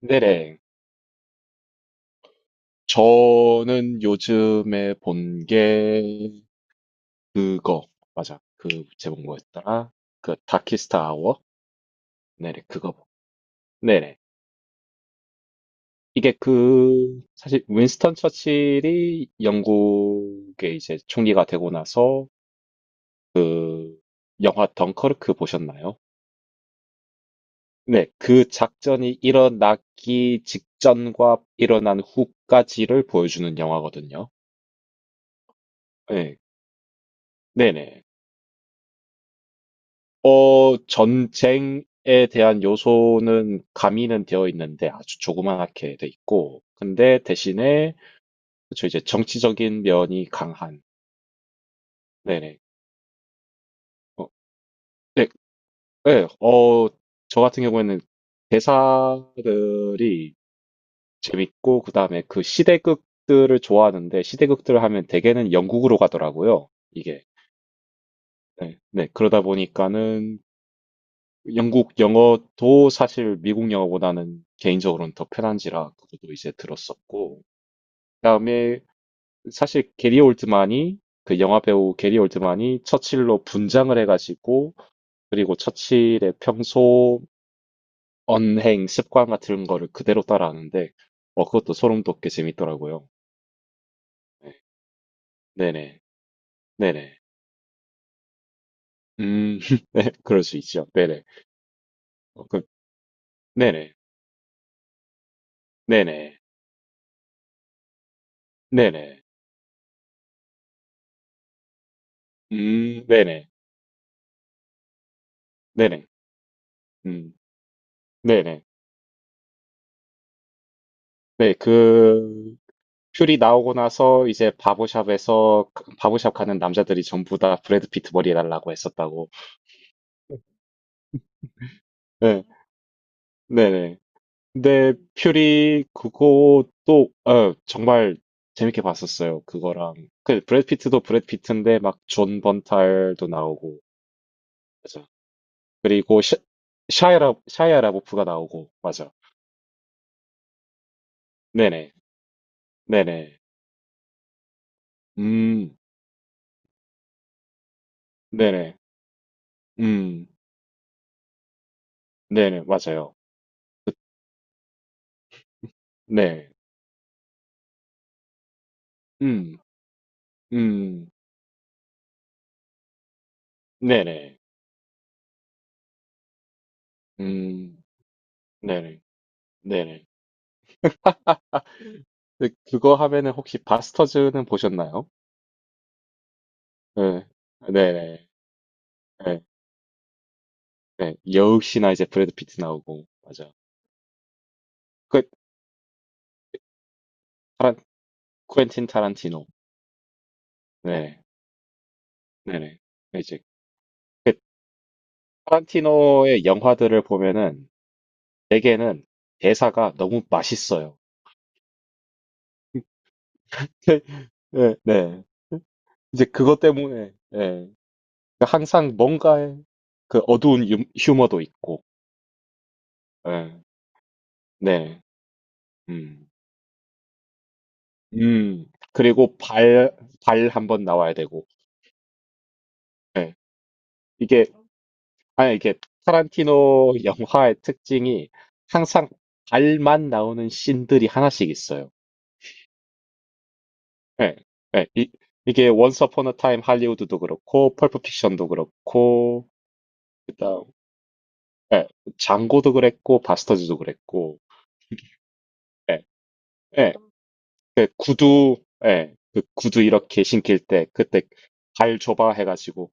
네네. 저는 요즘에 본 게 그거 맞아. 그 제목 뭐였더라? 그 다키스트 아워? 네네, 그거 봐. 네네. 이게 그 사실 윈스턴 처칠이 영국의 이제 총리가 되고 나서 그 영화 덩커르크 보셨나요? 네, 그 작전이 일어나기 직전과 일어난 후까지를 보여주는 영화거든요. 네, 네네. 전쟁에 대한 요소는 가미는 되어 있는데 아주 조그맣게 돼 있고, 근데 대신에 그쵸 이제 정치적인 면이 강한. 네네. 어, 네, 네. 저 같은 경우에는 대사들이 재밌고 그다음에 그 시대극들을 좋아하는데 시대극들을 하면 대개는 영국으로 가더라고요. 이게. 네, 네. 그러다 보니까는 영국 영어도 사실 미국 영어보다는 개인적으로는 더 편한지라 그것도 이제 들었었고 그다음에 사실 게리 올드만이 그 영화 배우 게리 올드만이 처칠로 분장을 해가지고 그리고 처칠의 평소 언행 습관 같은 거를 그대로 따라하는데 그것도 소름 돋게 재밌더라고요. 네. 네네. 네네. 음 네, 그럴 수 있죠. 네네. 어, 그 네네. 네네. 네네. 음. 네네. 네네. 음. 네네. 네, 그 퓨리 나오고 나서 이제 바보샵에서 그, 바보샵 가는 남자들이 전부 다 브래드 피트 머리 해달라고 했었다고. 네, 네네. 근데 퓨리 그것도 정말 재밌게 봤었어요. 그거랑 그 브래드 피트도 브래드 피트인데 막 존 번탈도 나오고 맞아. 그리고 샤이라 샤이아 라보프가 나오고 맞아. 네네, 네네. 음, 네네, 음, 네네, 맞아요. 네, 음, 음. 네네. 음, 네네. 네네. 아, 근데 그거 하면은 혹시 바스터즈는 보셨나요? 네. 네네. 네. 네. 역시나 이제 브래드 피트 나오고, 맞아. 그, 타란, 쿠엔틴 타란티노. 네네. 네네. 이제, 그, 타란티노의 영화들을 보면은, 대개는 대사가 너무 맛있어요. 네, 네. 이제 그것 때문에, 예. 항상 뭔가의 그 휴머도 있고, 예. 네. 음. 음, 그리고 발 한번 나와야 되고. 예. 이게, 아니, 이게 타란티노 영화의 특징이 항상 발만 나오는 씬들이 하나씩 있어요. 예. 예. 이게 Once Upon a Time 할리우드도 그렇고, 펄프 픽션도 그렇고, 그다음, 예. 장고도 그랬고, 바스터즈도 그랬고, 예. 예. 그 구두, 예. 그 구두 이렇게 신길 때, 그때 발 줘봐 해가지고,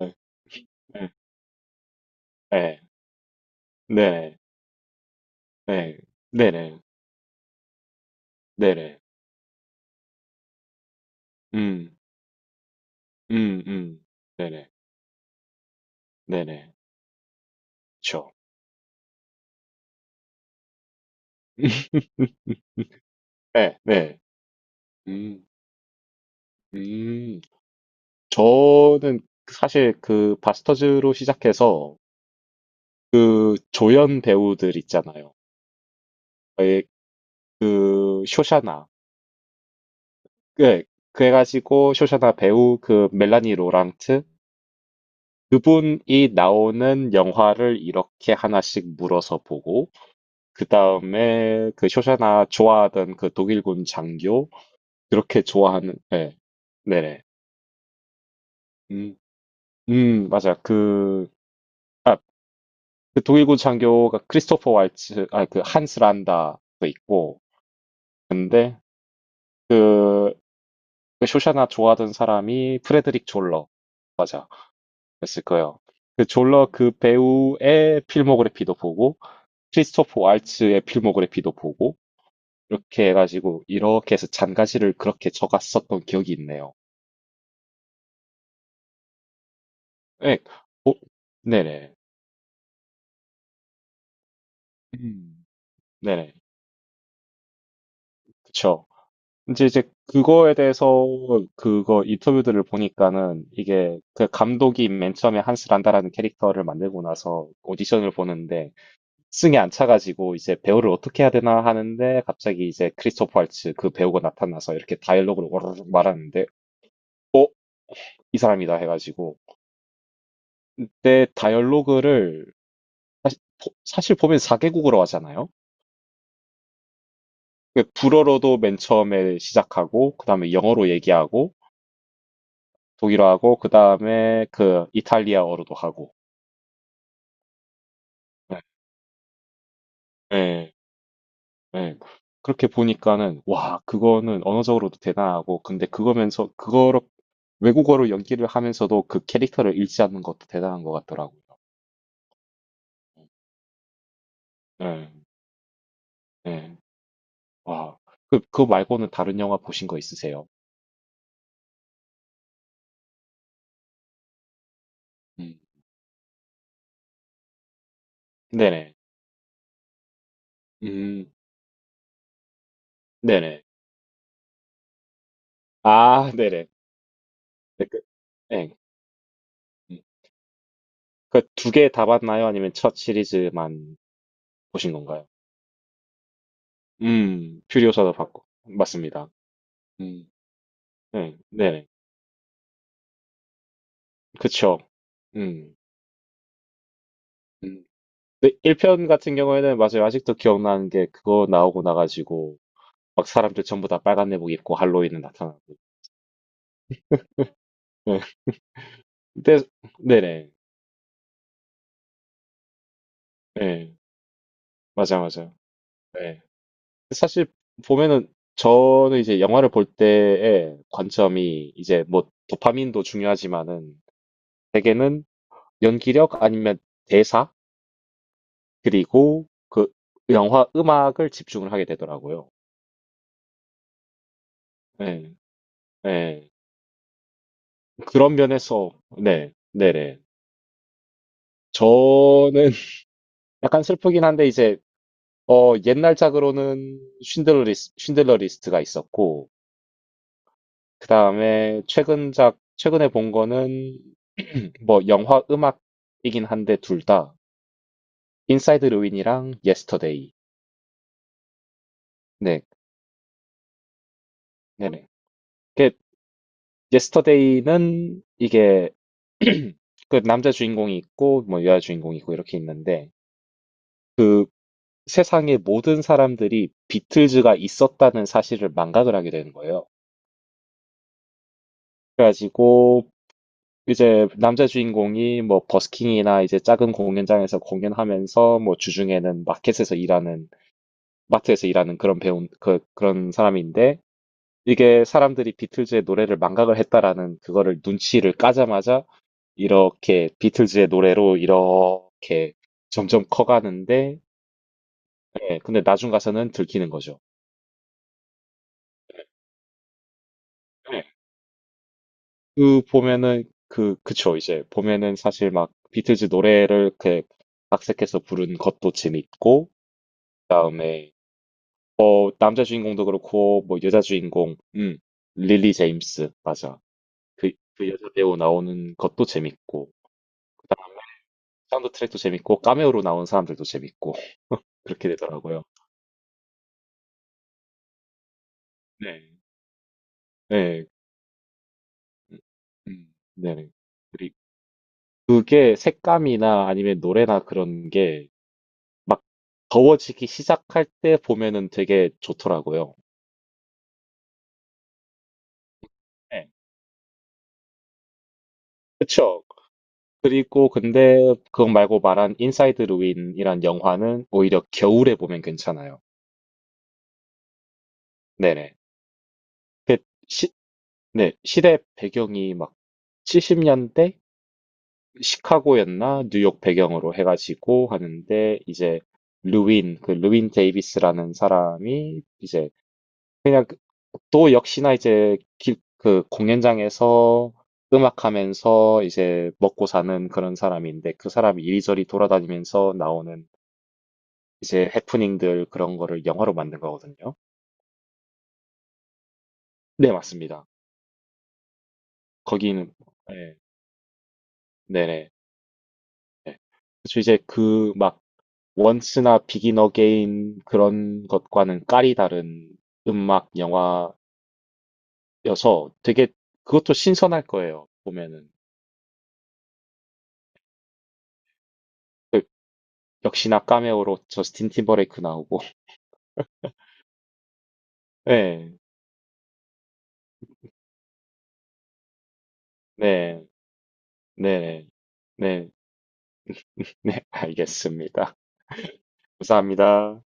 예. 예. 예. 네. 네. 네네. 네네. 음. 음, 음. 네네. 네네. 그쵸. 네, 네. 음, 음. 저는 사실 그 바스터즈로 시작해서 그 조연 배우들 있잖아요. 에, 그 쇼샤나. 그, 그래가지고 쇼샤나 배우 그 멜라니 로랑트 그분이 나오는 영화를 이렇게 하나씩 물어서 보고 그 다음에 그 쇼샤나 좋아하던 그 독일군 장교 그렇게 좋아하는 네. 네네. 음, 맞아. 그 독일군 장교가 크리스토퍼 왈츠 아 그 한스 란다도 있고 근데 그, 그 쇼샤나 좋아하던 사람이 프레드릭 졸러 맞아 그랬을 거예요. 그 졸러 그 배우의 필모그래피도 보고 크리스토퍼 왈츠의 필모그래피도 보고 이렇게 해가지고 이렇게 해서 잔가지를 그렇게 적었었던 기억이 있네요. 네, 어, 네네. 음. 네네. 그쵸. 이제 그거에 대해서 그거 인터뷰들을 보니까는 이게 그 감독이 맨 처음에 한스란다라는 캐릭터를 만들고 나서 오디션을 보는데 승에 안 차가지고 이제 배우를 어떻게 해야 되나 하는데 갑자기 이제 크리스토퍼 할츠 그 배우가 나타나서 이렇게 다이얼로그를 오르르 말하는데 어? 이 사람이다 해가지고 그때 다이얼로그를 사실 보면 4개국으로 하잖아요. 그 불어로도 맨 처음에 시작하고, 그 다음에 영어로 얘기하고, 독일어하고, 그 다음에 그 이탈리아어로도 하고. 네. 네. 네. 그렇게 보니까는, 와, 그거는 언어적으로도 대단하고, 근데 그거면서, 그거로, 외국어로 연기를 하면서도 그 캐릭터를 잃지 않는 것도 대단한 것 같더라고요. 네. 네. 와. 그 말고는 다른 영화 보신 거 있으세요? 음. 네네. 음, 네네. 아, 네네. 네, 그, 네. 음. 그 두 개 다 봤나요? 아니면 첫 시리즈만 보신 건가요? 퓨리오사도 봤고. 맞습니다. 음, 네, 네. 그쵸. 음. 음, 근데 1편 같은 경우에는 맞아요. 아직도 기억나는 게 그거 나오고 나가지고 막 사람들 전부 다 빨간 내복 입고 할로윈은 나타나고. 네. 근데 네네. 네. 맞아. 네. 사실 보면은 저는 이제 영화를 볼 때의 관점이 이제 뭐 도파민도 중요하지만은 대개는 연기력 아니면 대사 그리고 그 영화 음악을 집중을 하게 되더라고요. 네. 네. 그런 면에서 네, 네네. 저는 약간 슬프긴 한데 이제 옛날작으로는 쉰들러 리스트가 있었고 그 다음에 최근작 최근에 본 거는 뭐 영화 음악이긴 한데 둘 다 인사이드 루인이랑 예스터데이. 네, 네네. 그 예스터데이는 이게 그 남자 주인공이 있고 뭐 여자 주인공이 있고 이렇게 있는데 그 세상의 모든 사람들이 비틀즈가 있었다는 사실을 망각을 하게 되는 거예요. 그래가지고 이제 남자 주인공이 뭐 버스킹이나 이제 작은 공연장에서 공연하면서 뭐 주중에는 마켓에서 일하는 마트에서 일하는 그런 배운 그 그런 사람인데 이게 사람들이 비틀즈의 노래를 망각을 했다라는 그거를 눈치를 까자마자 이렇게 비틀즈의 노래로 이렇게 점점 커가는데 예, 근데 나중 가서는 들키는 거죠. 네. 그 보면은 그 그쵸 이제 보면은 사실 막 비틀즈 노래를 그 각색해서 부른 것도 재밌고 그다음에 뭐 남자 주인공도 그렇고 뭐 여자 주인공 릴리 제임스 맞아 그 여자 배우 나오는 것도 재밌고 사운드 트랙도 재밌고 카메오로 나온 사람들도 재밌고 그렇게 되더라고요. 네. 네. 네. 그리고 그게 색감이나 아니면 노래나 그런 게 막 더워지기 시작할 때 보면은 되게 좋더라고요. 네. 그쵸. 그리고 근데 그거 말고 말한 인사이드 루인이란 영화는 오히려 겨울에 보면 괜찮아요. 네네. 그 시, 네, 시대 배경이 막 70년대 시카고였나 뉴욕 배경으로 해가지고 하는데 이제 루인 그 루인 데이비스라는 사람이 이제 그냥 그- 또 역시나 그 공연장에서 음악하면서 이제 먹고 사는 그런 사람인데 그 사람이 이리저리 돌아다니면서 나오는 이제 해프닝들 그런 거를 영화로 만든 거거든요. 네, 맞습니다. 거기는 네, 네네. 네. 그래서 이제 그 막 원스나 비긴 어게인 그런 것과는 깔이 다른 음악 영화여서 되게 그것도 신선할 거예요. 보면은 그 역시나 카메오로 저스틴 팀버레이크 나오고. 네, 네, 네, 네, 네, 알겠습니다. 감사합니다.